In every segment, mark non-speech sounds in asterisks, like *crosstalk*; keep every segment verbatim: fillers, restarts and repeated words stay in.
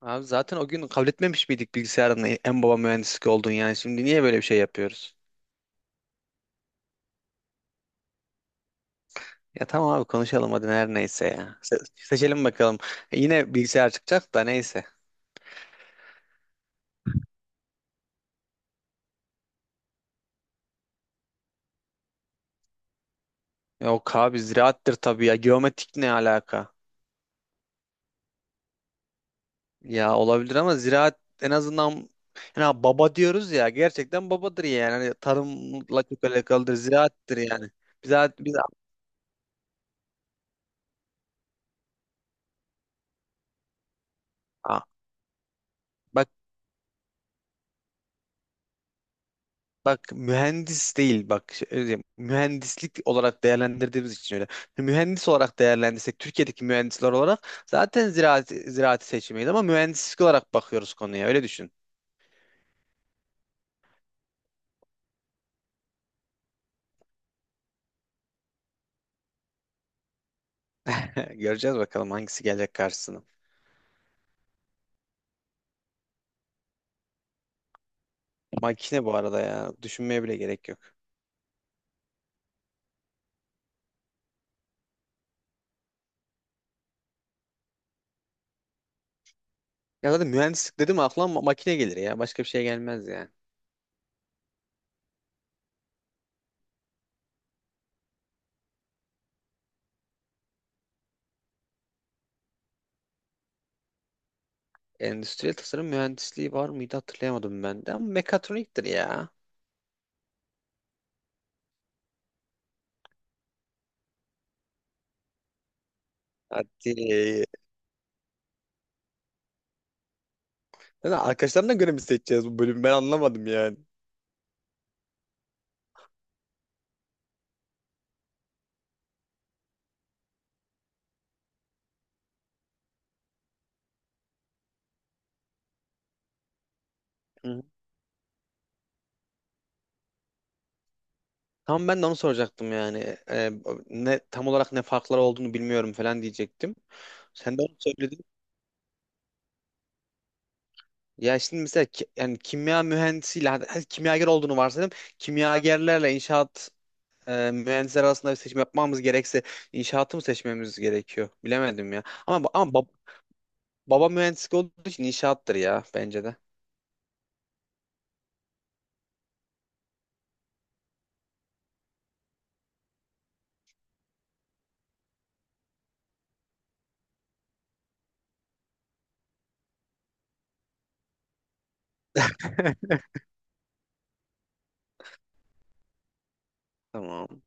Abi zaten o gün kabul etmemiş miydik bilgisayarın en baba mühendislik olduğunu yani. Şimdi niye böyle bir şey yapıyoruz? Ya tamam abi konuşalım hadi her neyse ya. Se- seçelim bakalım. E, yine bilgisayar çıkacak da neyse. Yok abi ziraattır tabii ya. Geometrik ne alaka? Ya olabilir ama ziraat en azından yani baba diyoruz ya gerçekten babadır yani. Hani tarımla çok alakalıdır, ziraattır yani. Biz, biz, Aa, bak Bak mühendis değil, bak şey- öyle diyeyim, mühendislik olarak değerlendirdiğimiz için öyle. Mühendis olarak değerlendirsek Türkiye'deki mühendisler olarak zaten ziraat ziraati seçmeyiz ama mühendislik olarak bakıyoruz konuya, öyle düşün. *laughs* Göreceğiz bakalım hangisi gelecek karşısına. Makine bu arada ya, düşünmeye bile gerek yok. Ya zaten mühendislik dedim, aklıma ma- makine gelir ya, başka bir şey gelmez ya. Endüstriyel tasarım mühendisliği var mıydı, hatırlayamadım ben de, ama mekatroniktir ya. Hadi. Ya da arkadaşlarına göre mi seçeceğiz bu bölümü, ben anlamadım yani. Tam ben de onu soracaktım yani. Ee, ne tam olarak ne farkları olduğunu bilmiyorum falan diyecektim. Sen de onu söyledin. Ya şimdi mesela ki- yani kimya mühendisiyle hadi, hadi kimyager olduğunu varsayalım. Kimyagerlerle inşaat e, mühendisler arasında bir seçim yapmamız gerekse inşaatı mı seçmemiz gerekiyor? Bilemedim ya. Ama ama bab- baba mühendislik olduğu için inşaattır ya bence de. *laughs* Tamam.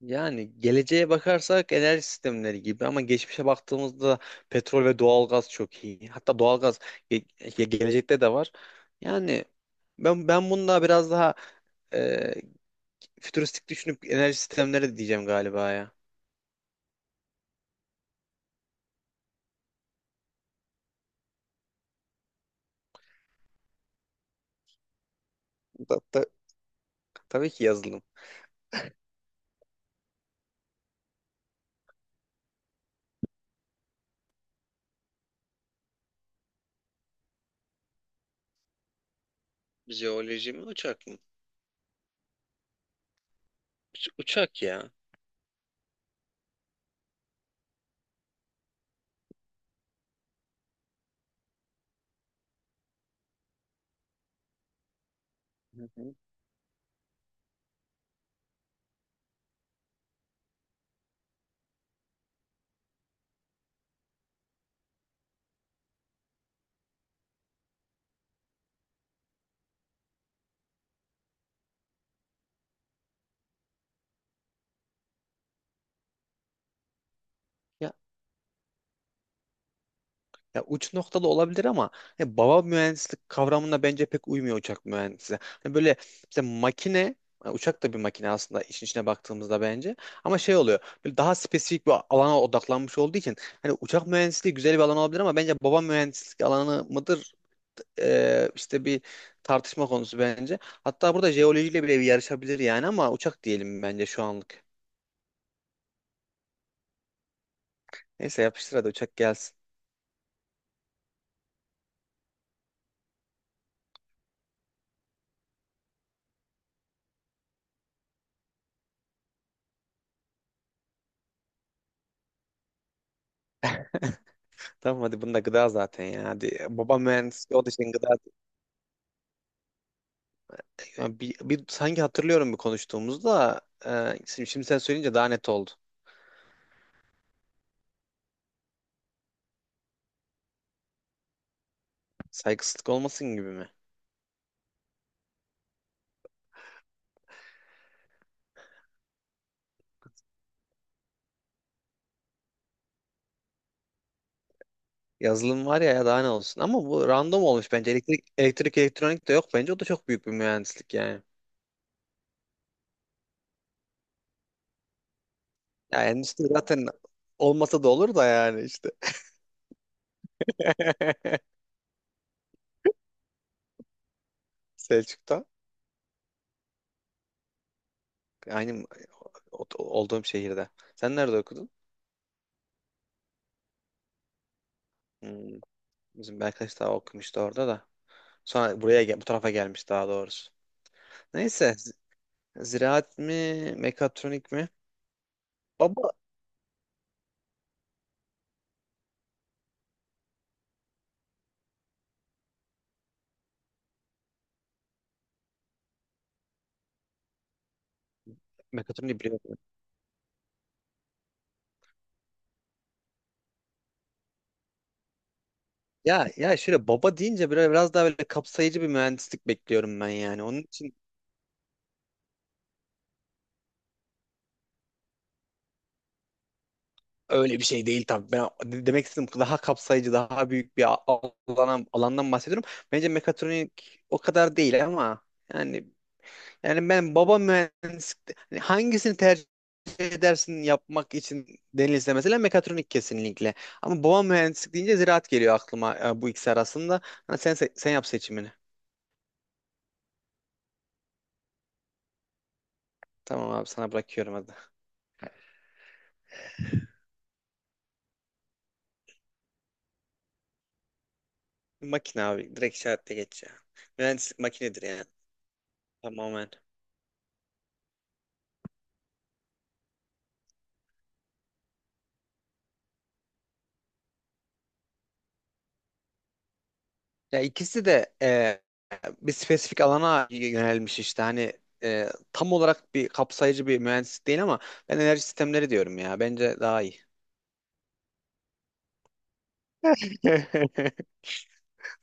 Yani geleceğe bakarsak enerji sistemleri gibi, ama geçmişe baktığımızda petrol ve doğalgaz çok iyi. Hatta doğalgaz ge- ge- gelecekte de var. Yani ben ben bununla biraz daha e, fütüristik düşünüp enerji sistemleri diyeceğim galiba ya. Ta- ta- tabii ki yazılım. Jeoloji mi uçak mı? Uç- uçak ya. Hı hı. Ya uç noktalı olabilir ama hani baba mühendislik kavramına bence pek uymuyor uçak mühendisi. Hani böyle işte makine, yani uçak da bir makine aslında işin içine baktığımızda bence. Ama şey oluyor. Böyle daha spesifik bir alana odaklanmış olduğu için hani uçak mühendisliği güzel bir alan olabilir, ama bence baba mühendislik alanı mıdır? Ee, işte bir tartışma konusu bence. Hatta burada jeolojiyle bile bir yarışabilir yani, ama uçak diyelim bence şu anlık. Neyse yapıştır hadi uçak gelsin. Tamam hadi bunda gıda zaten ya. Hadi baba mühendisliği o da, için gıda. Ya bir, bir sanki hatırlıyorum bir konuştuğumuzda, e, şimdi, şimdi sen söyleyince daha net oldu. Saygısızlık olmasın gibi mi? Yazılım var ya, ya daha ne olsun. Ama bu random olmuş bence. Elektrik, elektrik elektronik de yok bence. O da çok büyük bir mühendislik yani. Ya endüstri zaten olmasa da olur da yani işte. *laughs* Selçuk'ta. Aynı o- olduğum şehirde. Sen nerede okudun? Hmm, bizim bir arkadaş daha okumuştu orada da. Sonra buraya gel- bu tarafa gelmiş, daha doğrusu. Neyse. z- Ziraat mi, mekatronik mi? Baba. Mekatronik biliyorum. Ya ya şöyle baba deyince böyle biraz daha böyle kapsayıcı bir mühendislik bekliyorum ben yani. Onun için öyle bir şey değil tabii. Ben de- demek istedim daha kapsayıcı, daha büyük bir a- alana, alandan bahsediyorum. Bence mekatronik o kadar değil ama yani yani ben baba mühendislik hani hangisini tercih edersin yapmak için denilse, mesela mekatronik kesinlikle. Ama baba mühendislik deyince ziraat geliyor aklıma, e, bu ikisi arasında. Ha, sen se- sen yap seçimini. Tamam abi, sana bırakıyorum hadi. Makine abi. Direkt işaretle geç ya. Mühendislik makinedir yani. Tamamen. Ya ikisi de e, bir spesifik alana yönelmiş işte hani e, tam olarak bir kapsayıcı bir mühendislik değil, ama ben enerji sistemleri diyorum ya, bence daha iyi. *laughs*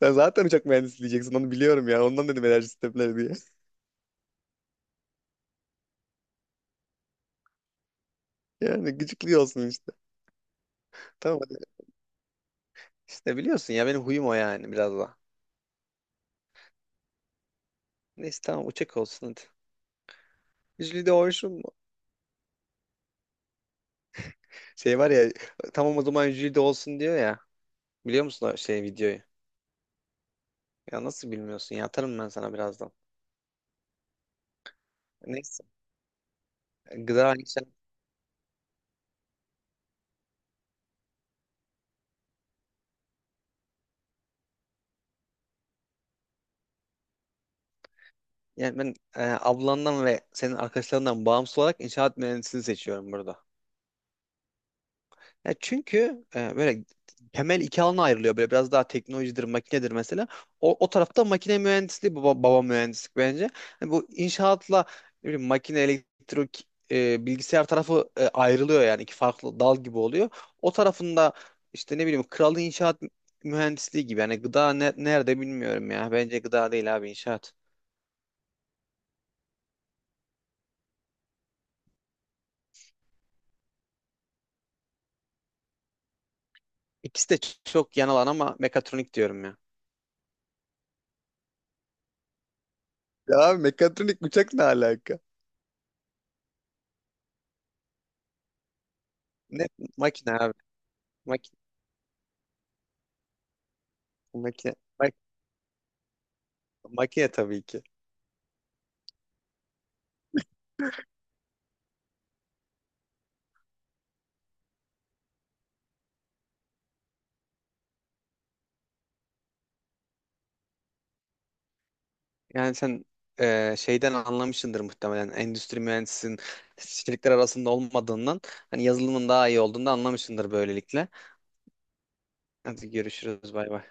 Sen zaten uçak mühendisi diyeceksin onu biliyorum ya. Ondan dedim enerji sistemleri diye. *laughs* Yani gıcıklıyorsun işte. Tamam hadi. İşte biliyorsun ya benim huyum o, yani biraz da. Neyse tamam uçak olsun hadi. Jüli de olsun mu? Şey var ya, tamam o zaman jüri de olsun diyor ya. Biliyor musun o şey videoyu? Ya nasıl bilmiyorsun ya? Atarım ben sana birazdan. Neyse. Gıda inşaat. Yani ben, e, ablandan ve senin arkadaşlarından bağımsız olarak inşaat mühendisliğini seçiyorum burada. Ya çünkü e, böyle temel iki alana ayrılıyor. Böyle biraz daha teknolojidir, makinedir mesela. O, o tarafta makine mühendisliği, baba, baba mühendislik bence. Hani bu inşaatla ne bileyim, makine, elektrik, e, bilgisayar tarafı e, ayrılıyor yani iki farklı dal gibi oluyor. O tarafında işte ne bileyim kralı inşaat mühendisliği gibi. Yani gıda ne- nerede bilmiyorum ya. Bence gıda değil abi, inşaat. İkisi de ç- çok yan alan, ama mekatronik diyorum ya. Ya abi mekatronik uçak ne alaka? Ne makine abi? Makine, makine. Makine tabii ki. Yani sen e, şeyden anlamışsındır muhtemelen. Endüstri mühendisinin şirketler arasında olmadığından, hani yazılımın daha iyi olduğunu da anlamışsındır böylelikle. Hadi görüşürüz. Bay bay.